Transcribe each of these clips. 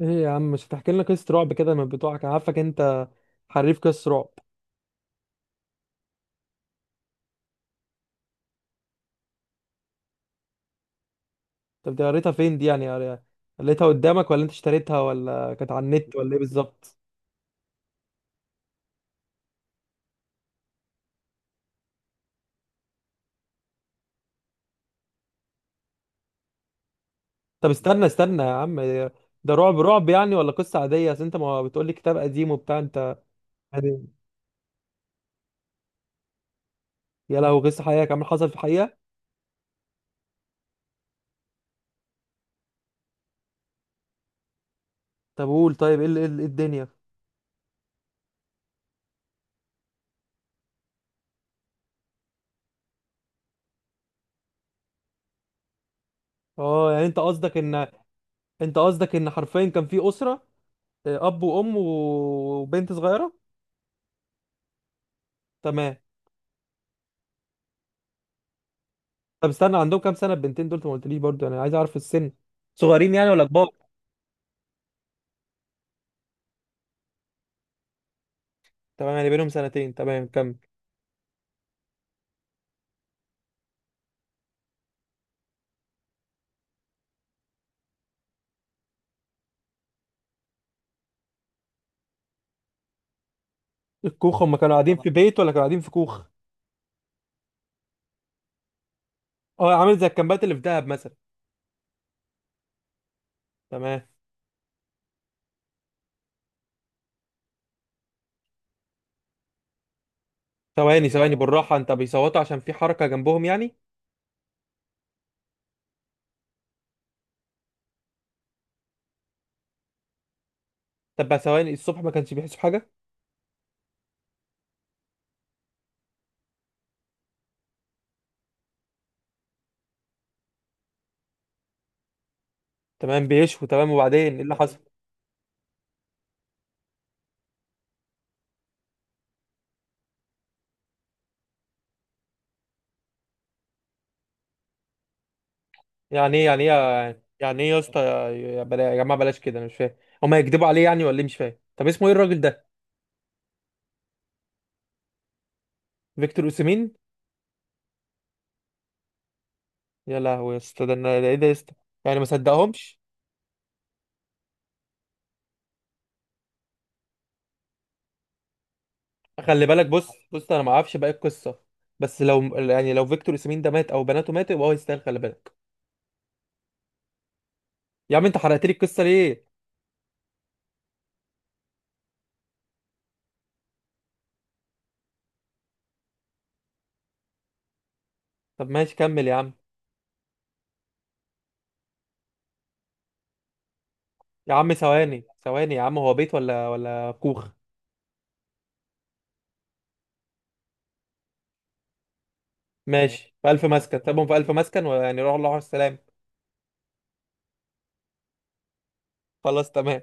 ايه يا عم؟ مش هتحكي لنا قصة رعب كده من بتوعك؟ انا عارفك انت حريف قصة رعب. طب دي قريتها فين دي، يعني قريتها قدامك ولا انت اشتريتها ولا كانت على النت ولا ايه بالظبط؟ طب استنى استنى يا عم. ده رعب رعب يعني ولا قصة عادية؟ اصل انت ما بتقولي كتاب قديم وبتاع انت. يعني يا لهو، قصة حقيقية كمان؟ حصل في حقيقة؟ طب قول، طيب ايه إيه إيه الدنيا؟ اه يعني انت قصدك ان حرفيا كان في أسرة، اب وام وبنت صغيرة. تمام. طب استنى، عندهم كام سنة البنتين دول؟ انت ما قلتليش برضو، انا عايز اعرف السن. صغيرين يعني ولا كبار؟ تمام، يعني بينهم سنتين. تمام، كمل. الكوخ، هم كانوا قاعدين في بيت ولا كانوا قاعدين في كوخ؟ اه، عامل زي الكامبات اللي في دهب مثلا. تمام. ثواني ثواني، بالراحة انت. بيصوتوا عشان في حركة جنبهم يعني؟ طب بقى ثواني، الصبح ما كانش بيحسوا حاجة؟ تمام، بيشوا تمام. وبعدين ايه اللي حصل؟ يعني ايه يعني ايه يعني ايه يا اسطى، يا يا جماعة بلاش كده، انا مش فاهم. هم هيكدبوا عليه يعني ولا ايه؟ مش فاهم. طب اسمه ايه الراجل ده؟ فيكتور اوسيمين؟ يا لهوي يا اسطى، ده ايه ده يا اسطى؟ يعني ما صدقهمش؟ خلي بالك، بص بص، انا ما اعرفش باقي القصه. بس لو يعني لو فيكتور ياسمين ده مات او بناته ماتت يبقى هو يستاهل. خلي بالك. يا عم انت حرقت لي القصه ليه؟ طب ماشي، كمل يا عم. يا عم ثواني ثواني يا عم، هو بيت ولا كوخ؟ ماشي، في الف مسكن سابهم، في الف مسكن، ويعني راحوا الله على السلام. خلاص تمام.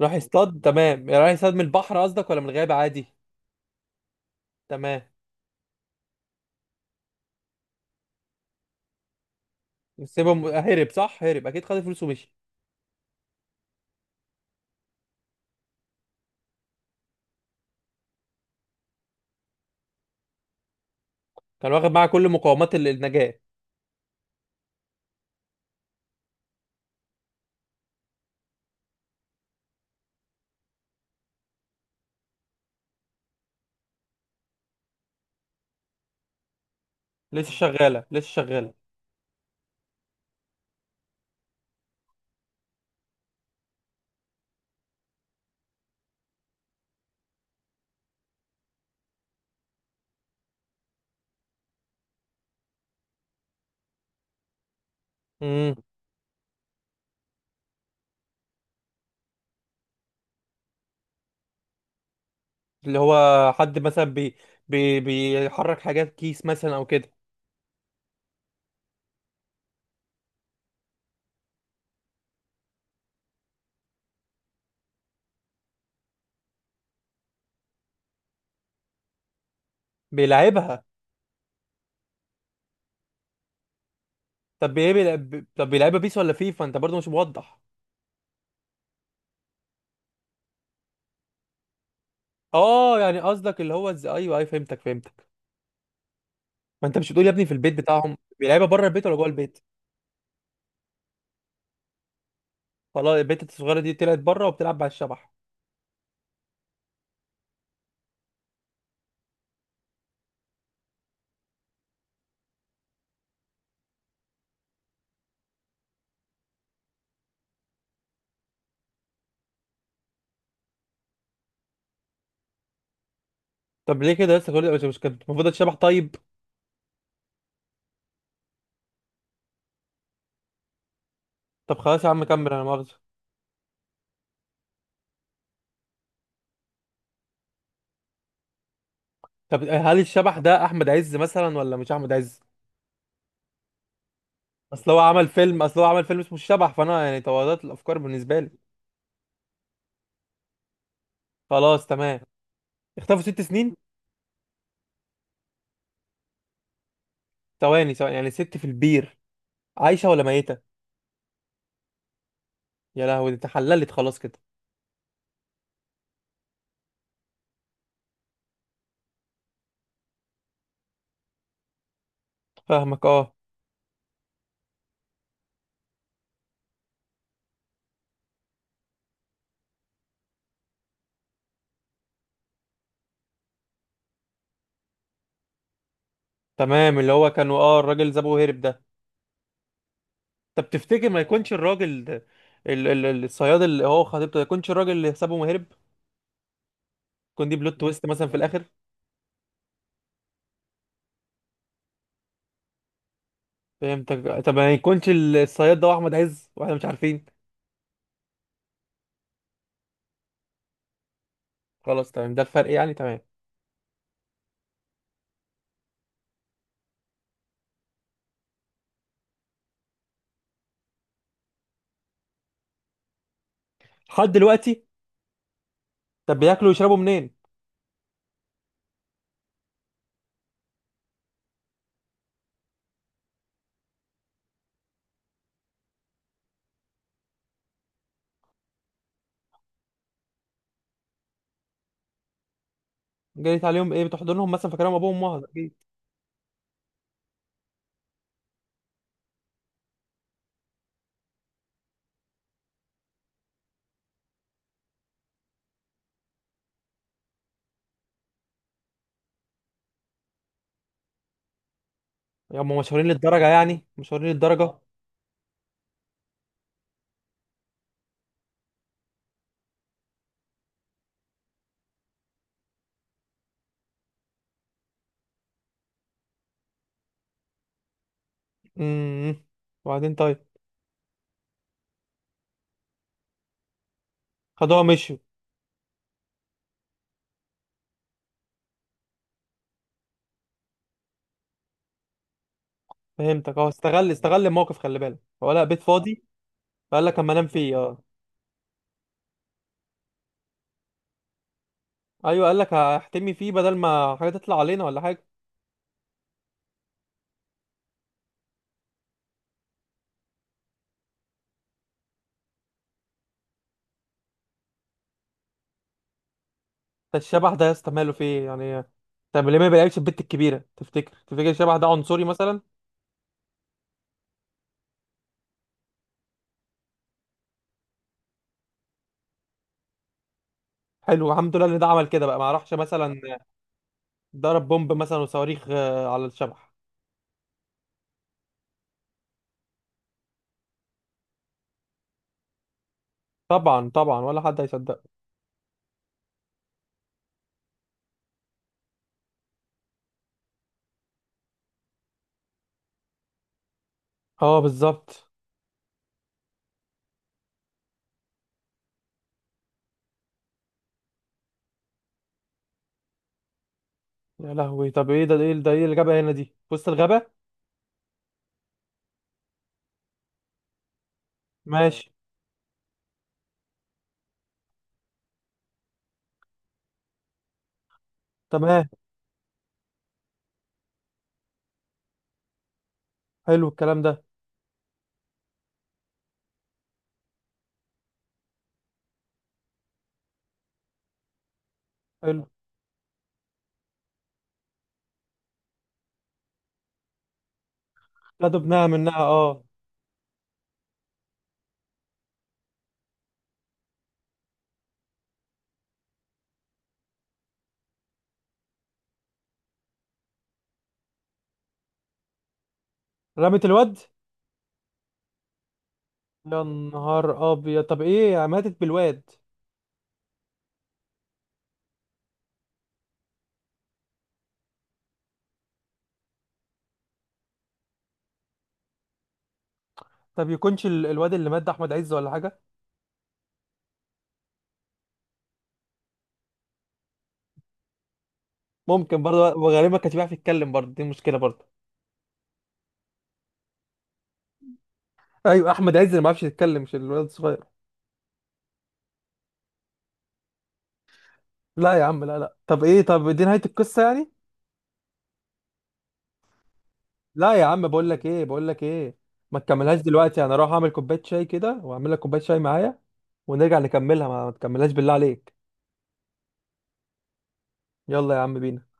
راح يصطاد، تمام. راح يصطاد من البحر قصدك ولا من الغابه عادي؟ تمام. سيبهم هرب، صح؟ هرب اكيد، خد الفلوس ومشي. كان واخد معاه كل مقومات النجاه. لسه شغاله، لسه شغاله. اللي هو حد مثلا بي بي بيحرك حاجات، كيس مثلا او كده؟ بيلعبها؟ طب ايه بيلعبها بيس ولا فيفا؟ انت برضه مش موضح. اه يعني قصدك اللي هو ازاي؟ ايوه ايوه فهمتك فهمتك. ما انت مش بتقول يا ابني؟ في البيت بتاعهم بيلعبها، بره البيت ولا جوه البيت؟ خلاص، البيت الصغيره دي طلعت بره وبتلعب على الشبح؟ طب ليه كده لسه كل مش كانت المفروض الشبح طيب؟ طب خلاص يا عم، كمل، انا مؤاخذه. طب هل الشبح ده احمد عز مثلا ولا مش احمد عز؟ اصل هو عمل فيلم، اصل هو عمل فيلم اسمه الشبح، فانا يعني توضحت الافكار بالنسبه لي. خلاص تمام. اختفوا 6 سنين؟ ثواني ثواني، يعني ست في البير، عايشة ولا ميتة؟ يا لهوي، دي اتحللت خلاص كده. فاهمك اه. تمام، اللي هو كانوا الراجل زبو هرب ده. طب تفتكر ما يكونش الراجل ده الصياد، اللي هو خطيبته، ما يكونش الراجل اللي حسابه مهرب؟ يكون دي بلوت تويست مثلا في الاخر؟ فهمتك. طب ما يكونش الصياد ده هو احمد عز واحنا مش عارفين؟ خلاص تمام، ده الفرق يعني. تمام. لحد دلوقتي؟ طب بياكلوا ويشربوا منين؟ جريت عليهم ايه، بتحضنهم مثلا فاكرهم ابوهم وامهم اكيد؟ هم مشهورين للدرجة يعني؟ مشهورين للدرجة؟ امم وبعدين طيب؟ خدوها مشيوا؟ فهمتك اه، استغل استغل الموقف، خلي بالك هو لقى بيت فاضي. فقال لك اما انام فيه اه. ايوه، قال لك هحتمي فيه بدل ما حاجه تطلع علينا ولا حاجه. ده الشبح ده يا اسطى، ماله فيه يعني؟ طب ليه ما بيلعبش البت الكبيره؟ تفتكر تفتكر الشبح ده عنصري مثلا؟ حلو، الحمد لله ان ده عمل كده بقى، ما راحش مثلا. ضرب بومب مثلا وصواريخ على الشبح. طبعا طبعا، ولا حد هيصدقه. اه بالظبط. يا لهوي طب ايه ده ايه ده، ايه الغابه هنا دي في وسط الغابه؟ ماشي. تمام. حلو الكلام ده. حلو. لا دبناها منها اه. رمت الواد؟ يا نهار ابيض. طب ايه، ماتت بالواد؟ طب يكونش الواد اللي مات ده احمد عز ولا حاجه؟ ممكن برضه، وغالبا ما كانش بيعرف يتكلم برضه، دي مشكله برضه. ايوه احمد عز اللي ما بيعرفش يتكلم، مش الواد الصغير. لا يا عم لا لا، طب ايه، طب دي نهايه القصه يعني؟ لا يا عم، بقول لك ايه، بقول لك ايه. ما تكملهاش دلوقتي، انا اروح اعمل كوبايه شاي كده واعمل لك كوبايه شاي معايا. ونرجع نكملها. ما تكملهاش بالله عليك. يلا يا عم بينا.